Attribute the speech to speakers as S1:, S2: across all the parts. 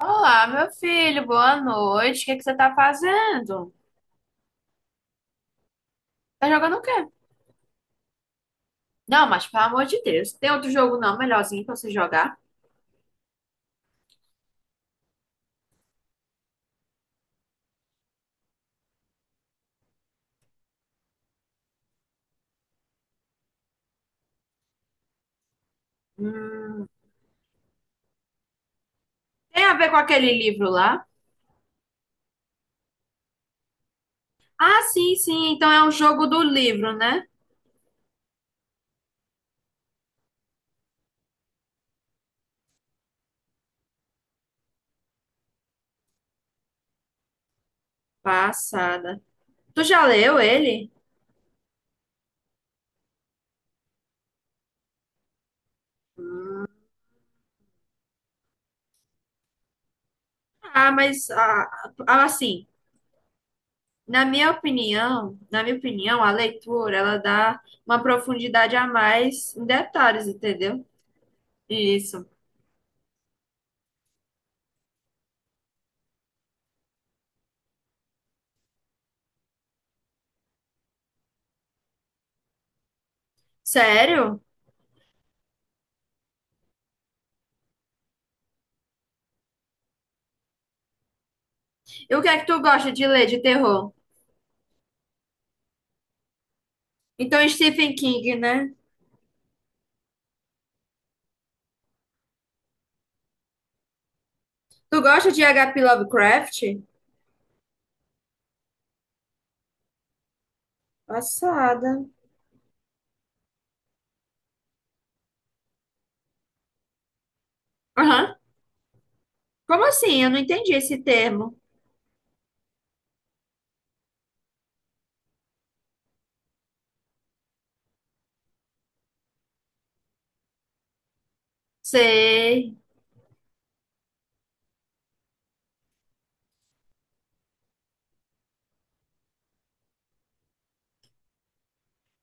S1: Olá, meu filho, boa noite. O que é que você tá fazendo? Tá jogando o quê? Não, mas pelo amor de Deus, tem outro jogo não, melhorzinho pra você jogar? Hum, tem a ver com aquele livro lá? Ah, sim, sim, então é um jogo do livro, né? Passada. Tu já leu ele? Ah, mas ah, ah, assim, na minha opinião, a leitura, ela dá uma profundidade a mais em detalhes, entendeu? Isso. Sério? E o que é que tu gosta de ler de terror? Então, Stephen King, né? Tu gosta de H.P. Lovecraft? Passada. Aham. Como assim? Eu não entendi esse termo. Sei.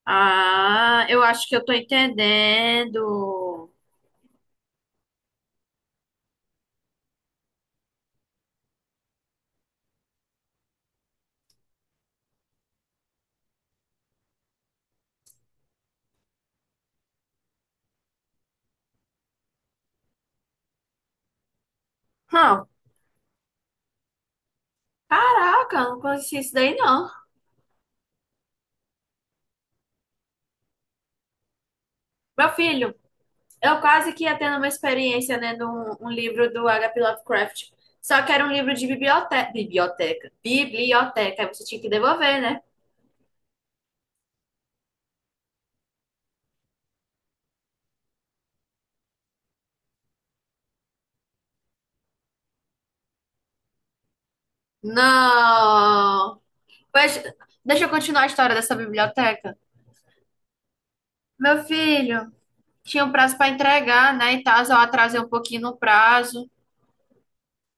S1: Ah, eu acho que eu tô entendendo. Hum. Caraca, não conheci isso daí, não. Meu filho, eu quase que ia tendo uma experiência lendo um livro do H.P. Lovecraft. Só que era um livro de biblioteca. Biblioteca. Biblioteca. Aí você tinha que devolver, né? Não! Pois, deixa eu continuar a história dessa biblioteca. Meu filho, tinha um prazo para entregar, né? E tal, eu atrasei um pouquinho no prazo.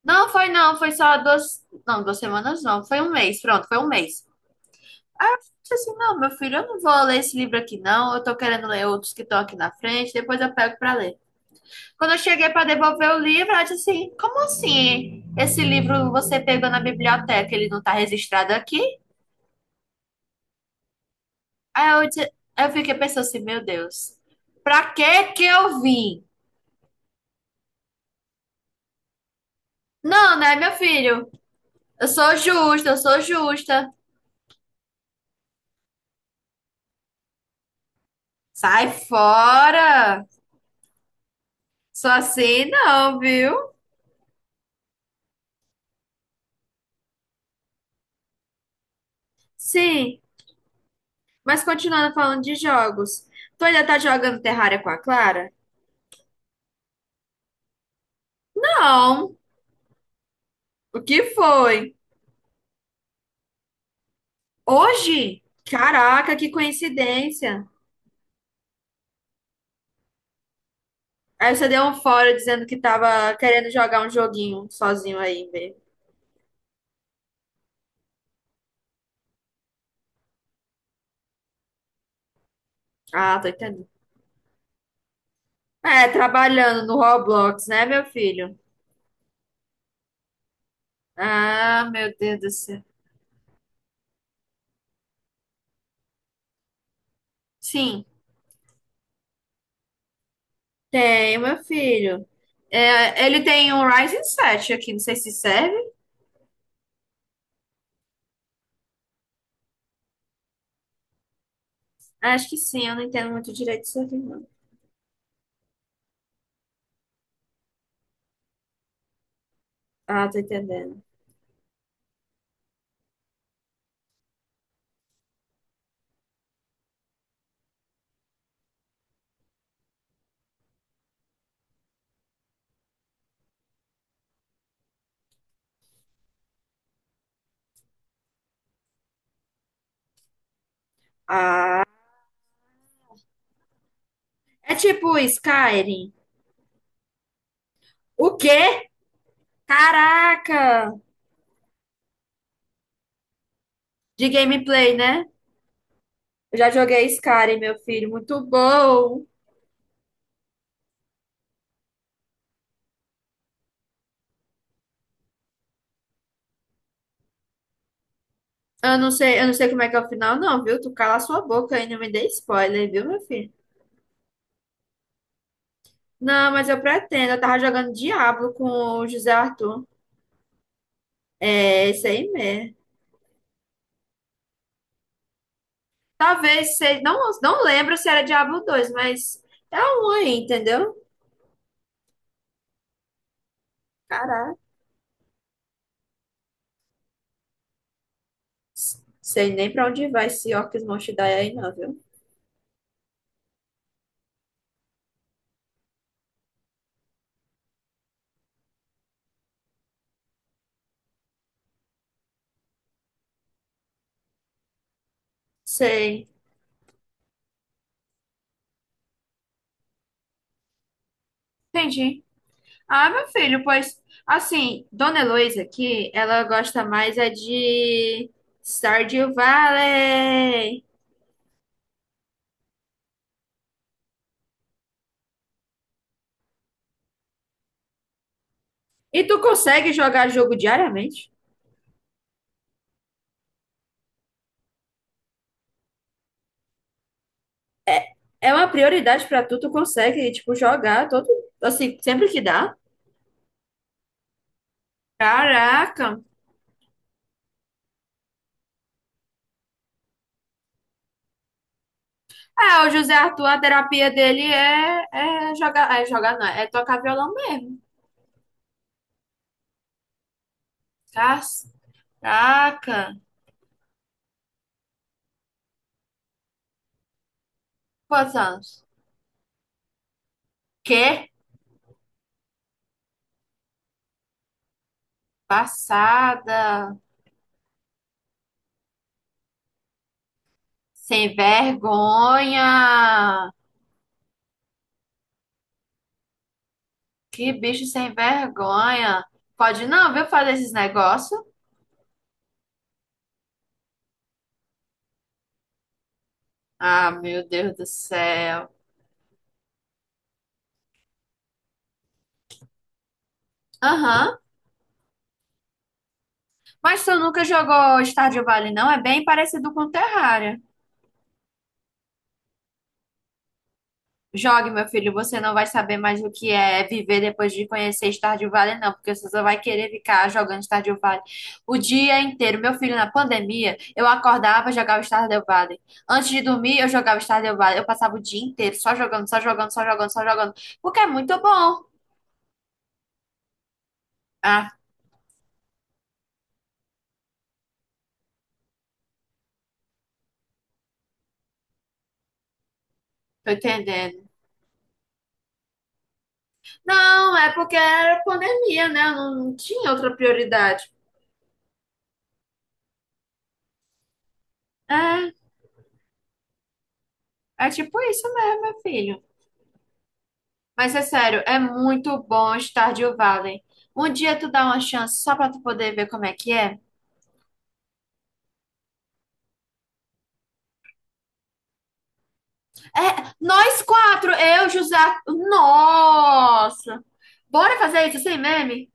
S1: Não, foi não, foi só duas. Não, duas semanas não, foi um mês, pronto, foi um mês. Disse assim, não, meu filho, eu não vou ler esse livro aqui, não. Eu tô querendo ler outros que estão aqui na frente, depois eu pego para ler. Quando eu cheguei para devolver o livro, ela disse assim: como assim? Esse livro você pegou na biblioteca, ele não tá registrado aqui? Aí eu, disse- eu fiquei pensando assim, meu Deus, pra que que eu vim? Não, né, meu filho? Eu sou justa, eu sou justa. Sai fora! Só assim não, viu? Sim, mas continuando falando de jogos. Tu ainda tá jogando Terraria com a Clara? Não. O que foi? Hoje? Caraca, que coincidência. Aí você deu um fora dizendo que tava querendo jogar um joguinho sozinho aí mesmo. Ah, tô entendendo. É, trabalhando no Roblox, né, meu filho? Ah, meu Deus do céu. Sim. Tem, meu filho. É, ele tem um Ryzen 7 aqui, não sei se serve. Acho que sim, eu não entendo muito direito isso aqui, não. Ah, tô entendendo. Ah, é tipo Skyrim. O quê? Caraca! De gameplay, né? Eu já joguei Skyrim, meu filho, muito bom. Eu não sei como é que é o final, não, viu? Tu cala a sua boca aí, não me dê spoiler, viu, meu filho? Não, mas eu pretendo. Eu tava jogando Diablo com o José Arthur. É, isso aí mesmo. Talvez seja. Não, não lembro se era Diablo dois, mas é um aí, entendeu? Caraca. Sei nem pra onde vai esse Orcs Must Die aí, não, viu? Sei. Entendi. Ah, meu filho, pois. Assim, Dona Heloísa aqui, ela gosta mais é de Stardew Valley. E tu consegue jogar jogo diariamente? É uma prioridade pra tu, tu consegue, tipo, jogar todo. Assim, sempre que dá. Caraca. É, o José Arthur, a terapia dele é, é jogar não, é tocar violão mesmo. Caraca. Quantos anos? Quê? Passada. Sem vergonha. Que bicho sem vergonha. Pode não, viu, fazer esses negócios? Ah, meu Deus do céu. Aham. Mas tu nunca jogou Stardew Valley, não? É bem parecido com Terraria. Jogue, meu filho, você não vai saber mais o que é viver depois de conhecer Stardew Valley, não, porque você só vai querer ficar jogando Stardew Valley o dia inteiro. Meu filho, na pandemia, eu acordava e jogava Stardew Valley. Antes de dormir, eu jogava Stardew Valley. Eu passava o dia inteiro só jogando, só jogando, só jogando, só jogando, porque é muito bom. Ah, tô entendendo. Não, é porque era pandemia, né? Eu não, não tinha outra prioridade. É, é tipo isso mesmo, meu filho. Mas é sério, é muito bom Stardew Valley. Um dia tu dá uma chance só pra tu poder ver como é que é. É, nós quatro, eu, José. Nossa! Bora fazer isso sem meme?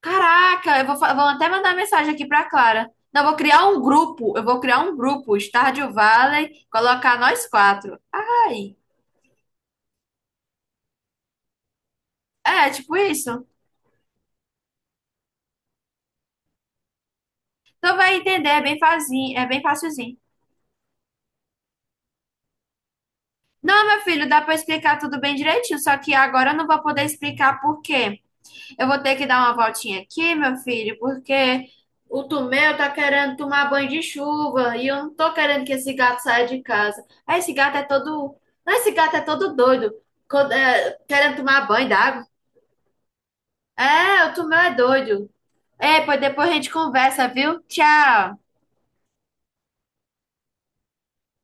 S1: Caraca, vou até mandar mensagem aqui pra Clara. Não, eu vou criar um grupo. Eu vou criar um grupo, Stardew Valley, colocar nós quatro. Ai, é tipo isso. Tu vai entender, é bem facinho, é bem facilzinho. Não, meu filho, dá pra explicar tudo bem direitinho, só que agora eu não vou poder explicar por quê. Eu vou ter que dar uma voltinha aqui, meu filho, porque o Tomeu tá querendo tomar banho de chuva e eu não tô querendo que esse gato saia de casa. Ah, esse gato é todo. Não, esse gato é todo doido, querendo tomar banho d'água. É, o Tomeu é doido. É, pois depois a gente conversa, viu? Tchau.